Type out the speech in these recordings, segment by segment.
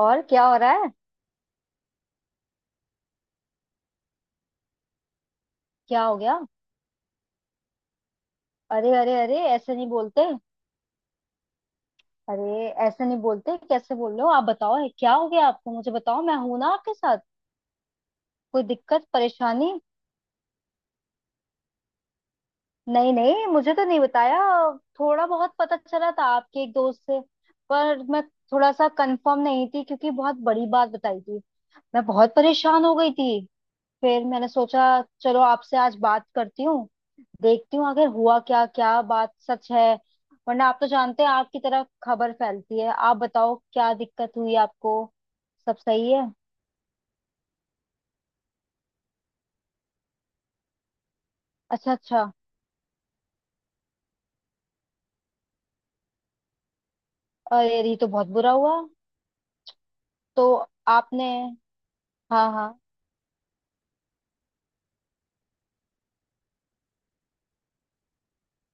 और क्या हो रहा है? क्या हो गया? अरे अरे अरे, ऐसे नहीं बोलते। अरे ऐसे नहीं बोलते, कैसे बोल रहे हो आप? बताओ है, क्या हो गया आपको? मुझे बताओ, मैं हूं ना आपके साथ। कोई दिक्कत परेशानी? नहीं नहीं, मुझे तो नहीं बताया। थोड़ा बहुत पता चला था आपके एक दोस्त से, पर मैं थोड़ा सा कंफर्म नहीं थी क्योंकि बहुत बड़ी बात बताई थी। मैं बहुत परेशान हो गई थी। फिर मैंने सोचा चलो आपसे आज बात करती हूँ, देखती हूँ आखिर हुआ क्या, क्या बात सच है। वरना आप तो जानते हैं आपकी तरफ खबर फैलती है। आप बताओ, क्या दिक्कत हुई आपको? सब सही है? अच्छा अच्छा। अरे अरे, ये तो बहुत बुरा हुआ। तो आपने… हाँ हाँ।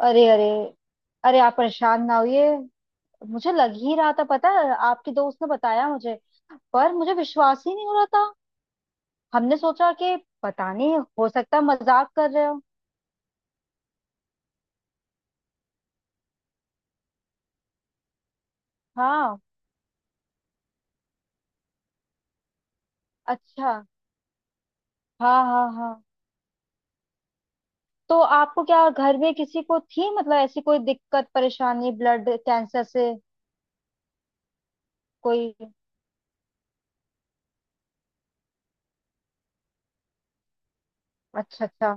अरे अरे अरे, आप परेशान ना होइए। मुझे लग ही रहा था, पता है आपकी दोस्त ने बताया मुझे, पर मुझे विश्वास ही नहीं हो रहा था। हमने सोचा कि पता नहीं, हो सकता है मजाक कर रहे हो। हाँ, अच्छा। हाँ हाँ हाँ। तो आपको क्या घर में किसी को थी मतलब ऐसी कोई दिक्कत परेशानी ब्लड कैंसर से? कोई… अच्छा अच्छा।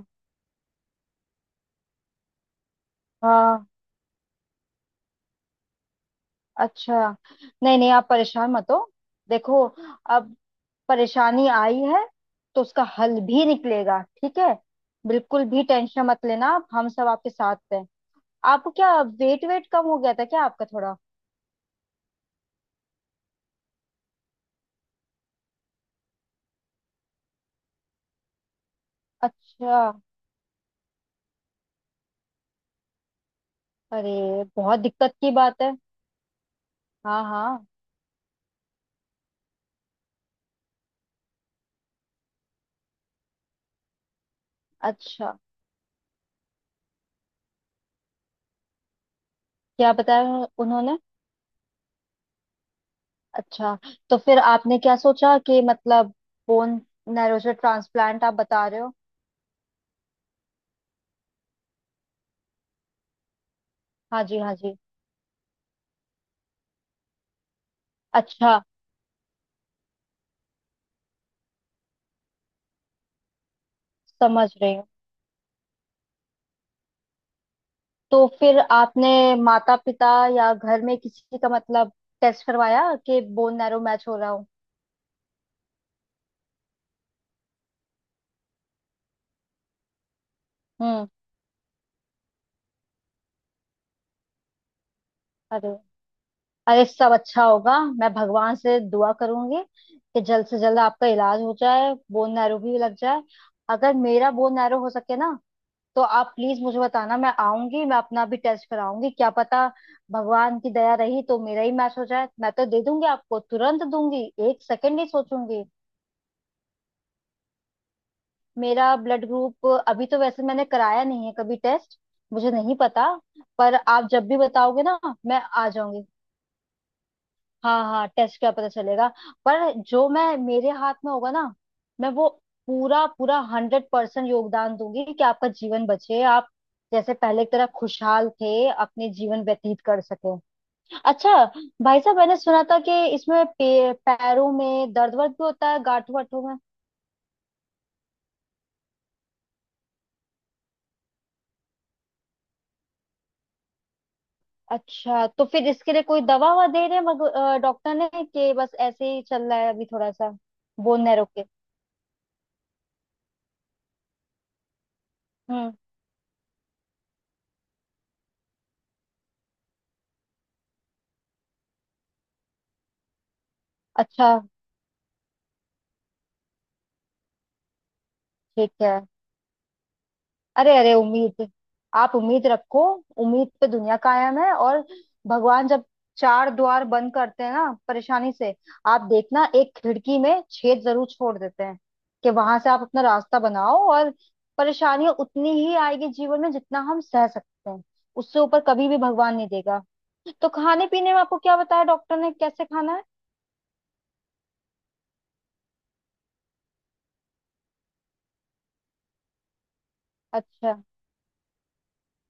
हाँ, अच्छा। नहीं नहीं, आप परेशान मत हो। देखो, अब परेशानी आई है तो उसका हल भी निकलेगा, ठीक है? बिल्कुल भी टेंशन मत लेना, आप… हम सब आपके साथ हैं। आपको क्या वेट वेट कम हो गया था क्या आपका थोड़ा? अच्छा। अरे बहुत दिक्कत की बात है। हाँ हाँ। अच्छा, क्या बताया उन्होंने? अच्छा, तो फिर आपने क्या सोचा कि मतलब बोन नैरो से ट्रांसप्लांट आप बता रहे हो? हाँ जी हाँ जी। अच्छा। समझ रही हूँ। तो फिर आपने माता पिता या घर में किसी का मतलब टेस्ट करवाया कि बोन नैरो मैच हो रहा हो? हम्म। अरे अरे, सब अच्छा होगा, मैं भगवान से दुआ करूंगी कि जल्द से जल्द आपका इलाज हो जाए, बोन नैरो भी लग जाए। अगर मेरा बोन नैरो हो सके ना, तो आप प्लीज मुझे बताना, मैं आऊंगी, मैं अपना भी टेस्ट कराऊंगी। क्या पता भगवान की दया रही तो मेरा ही मैच हो जाए, मैं तो दे दूंगी आपको, तुरंत दूंगी, एक सेकंड नहीं सोचूंगी। मेरा ब्लड ग्रुप अभी तो वैसे मैंने कराया नहीं है कभी टेस्ट, मुझे नहीं पता, पर आप जब भी बताओगे ना मैं आ जाऊंगी। हाँ हाँ, टेस्ट क्या पता चलेगा, पर जो मैं… मेरे हाथ में होगा ना, मैं वो पूरा पूरा 100% योगदान दूंगी कि आपका जीवन बचे, आप जैसे पहले की तरह खुशहाल थे अपने जीवन व्यतीत कर सके। अच्छा, भाई साहब मैंने सुना था कि इसमें पैरों में दर्द वर्द भी होता है, गांठों वाठों में। अच्छा, तो फिर इसके लिए कोई दवा वा दे रहे हैं डॉक्टर ने, कि बस ऐसे ही चल रहा है अभी थोड़ा सा? बोन नैरो के… हम्म। अच्छा। ठीक है। अरे अरे, उम्मीद… आप उम्मीद रखो। उम्मीद पे दुनिया कायम है। और भगवान जब चार द्वार बंद करते हैं ना परेशानी से, आप देखना एक खिड़की में छेद जरूर छोड़ देते हैं कि वहां से आप अपना रास्ता बनाओ। और परेशानियां उतनी ही आएगी जीवन में जितना हम सह सकते हैं, उससे ऊपर कभी भी भगवान नहीं देगा। तो खाने पीने में आपको क्या बताया डॉक्टर ने, कैसे खाना है? अच्छा,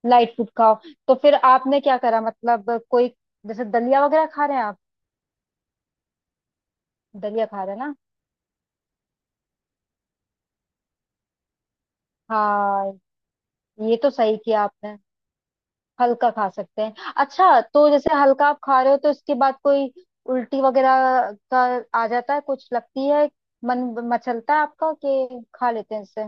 लाइट फूड खाओ। तो फिर आपने क्या करा मतलब कोई, जैसे दलिया वगैरह खा रहे हैं आप? दलिया खा रहे हैं ना। हाँ, ये तो सही किया आपने। हल्का खा सकते हैं। अच्छा, तो जैसे हल्का आप खा रहे हो तो इसके बाद कोई उल्टी वगैरह का आ जाता है, कुछ लगती है, मन मचलता है आपका कि खा लेते हैं इससे?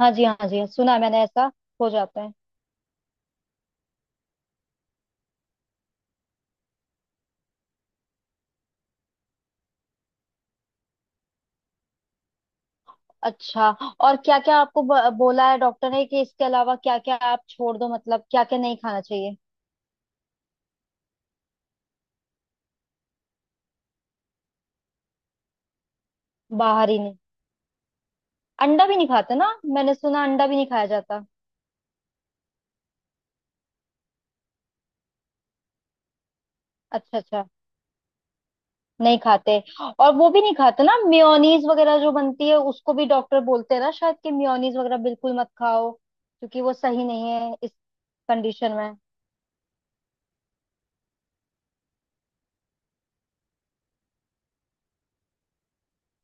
हाँ जी हाँ जी, सुना है मैंने ऐसा हो जाता है। अच्छा, और क्या क्या आपको बोला है डॉक्टर ने कि इसके अलावा क्या क्या आप छोड़ दो, मतलब क्या क्या नहीं खाना चाहिए? बाहर ही नहीं, अंडा भी नहीं खाते ना? मैंने सुना अंडा भी नहीं खाया जाता। अच्छा अच्छा, नहीं खाते। और वो भी नहीं खाते ना, मेयोनीज वगैरह जो बनती है, उसको भी डॉक्टर बोलते हैं ना शायद कि मेयोनीज वगैरह बिल्कुल मत खाओ क्योंकि वो सही नहीं है इस कंडीशन में।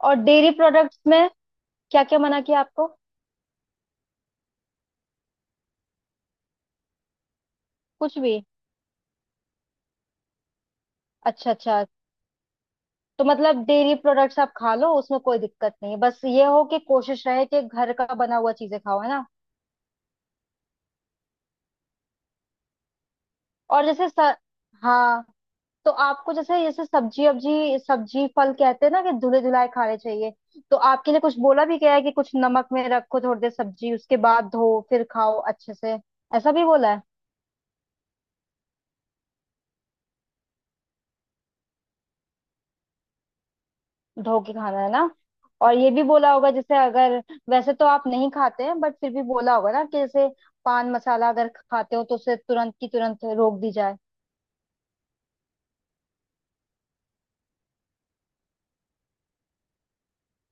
और डेयरी प्रोडक्ट्स में क्या क्या मना किया आपको? कुछ भी? अच्छा अच्छा, तो मतलब डेयरी प्रोडक्ट्स आप खा लो, उसमें कोई दिक्कत नहीं है, बस ये हो कि कोशिश रहे कि घर का बना हुआ चीजें खाओ, है ना? और हाँ, तो आपको जैसे जैसे सब्जी अब्जी, सब्जी फल कहते हैं ना कि धुले धुलाए खाने चाहिए, तो आपके लिए कुछ बोला भी गया है कि कुछ नमक में रखो थोड़ी देर सब्जी, उसके बाद धो फिर खाओ अच्छे से, ऐसा भी बोला है? धो के खाना है ना। और ये भी बोला होगा जैसे अगर, वैसे तो आप नहीं खाते हैं बट फिर भी बोला होगा ना कि जैसे पान मसाला अगर खाते हो तो उसे तुरंत की तुरंत रोक दी जाए।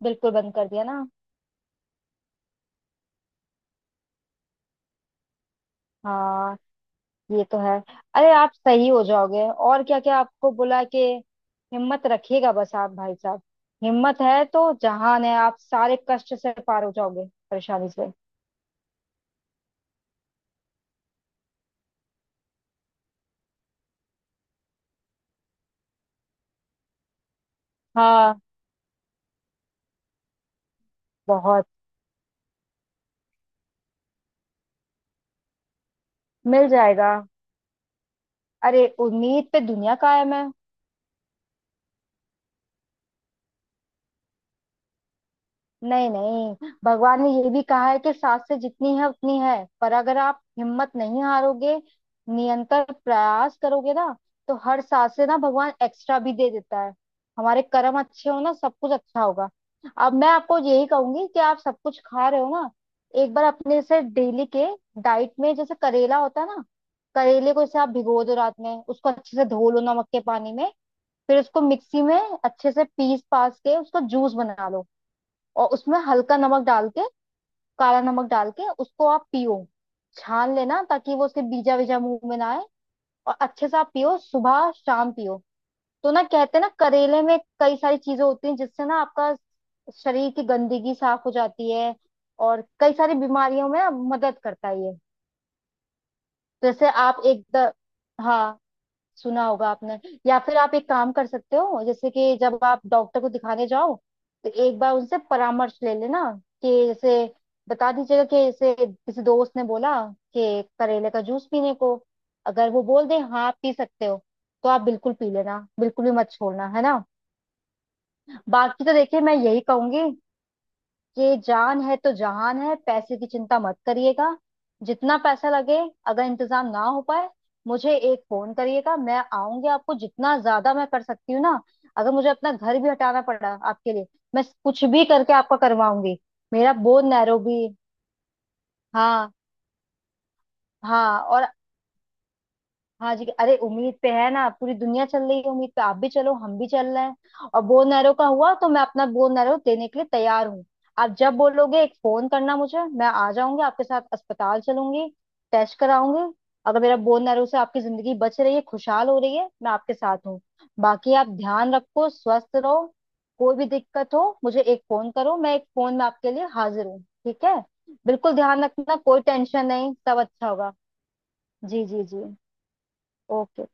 बिल्कुल बंद कर दिया ना। हाँ, ये तो है। अरे आप सही हो जाओगे। और क्या क्या आपको बोला कि… हिम्मत रखिएगा बस आप भाई साहब, हिम्मत है तो जहान है, आप सारे कष्ट से पार हो जाओगे, परेशानी से। हाँ, बहुत… मिल जाएगा। अरे उम्मीद पे दुनिया कायम है। नहीं नहीं, भगवान ने ये भी कहा है कि सात से जितनी है उतनी है, पर अगर आप हिम्मत नहीं हारोगे, निरंतर प्रयास करोगे ना, तो हर सात से ना भगवान एक्स्ट्रा भी दे देता है। हमारे कर्म अच्छे हो ना, सब कुछ अच्छा होगा। अब मैं आपको यही कहूंगी कि आप सब कुछ खा रहे हो ना, एक बार अपने से डेली के डाइट में जैसे करेला होता है ना, करेले को जैसे आप भिगो दो रात में, उसको अच्छे से धो लो नमक के पानी में, फिर उसको मिक्सी में अच्छे से पीस पास के उसका जूस बना लो और उसमें हल्का नमक डाल के, काला नमक डाल के उसको आप पियो। छान लेना ताकि वो उसके बीजा वीजा मुंह में ना आए, और अच्छे से आप पियो, सुबह शाम पियो। तो ना कहते हैं ना करेले में कई सारी चीजें होती हैं जिससे ना आपका शरीर की गंदगी साफ हो जाती है, और कई सारी बीमारियों में ना मदद करता है ये। जैसे आप हाँ, सुना होगा आपने। या फिर आप एक काम कर सकते हो, जैसे कि जब आप डॉक्टर को दिखाने जाओ तो एक बार उनसे परामर्श ले लेना कि जैसे बता दीजिएगा कि जैसे किसी दोस्त ने बोला कि करेले का जूस पीने को, अगर वो बोल दे हाँ आप पी सकते हो तो आप बिल्कुल पी लेना, बिल्कुल भी मत छोड़ना, है ना? बाकी तो देखिए मैं यही कहूंगी, ये जान है तो जहान है, पैसे की चिंता मत करिएगा। जितना पैसा लगे, अगर इंतजाम ना हो पाए, मुझे एक फोन करिएगा, मैं आऊंगी आपको, जितना ज्यादा मैं कर सकती हूँ ना, अगर मुझे अपना घर भी हटाना पड़ा आपके लिए, मैं कुछ भी करके आपका करवाऊंगी। मेरा बोझ नैरो भी… हाँ हाँ। और हाँ जी, अरे उम्मीद पे है ना पूरी दुनिया चल रही है, उम्मीद पे आप भी चलो, हम भी चल रहे हैं। और बोन नैरो का हुआ तो मैं अपना बोन नैरो देने के लिए तैयार हूँ। आप जब बोलोगे एक फोन करना मुझे, मैं आ जाऊंगी, आपके साथ अस्पताल चलूंगी, टेस्ट कराऊंगी। अगर मेरा बोन नैरो से आपकी जिंदगी बच रही है, खुशहाल हो रही है, मैं आपके साथ हूँ। बाकी आप ध्यान रखो, स्वस्थ रहो, कोई भी दिक्कत हो मुझे एक फोन करो, मैं एक फोन में आपके लिए हाजिर हूँ, ठीक है? बिल्कुल ध्यान रखना, कोई टेंशन नहीं, सब अच्छा होगा। जी जी जी। ओके।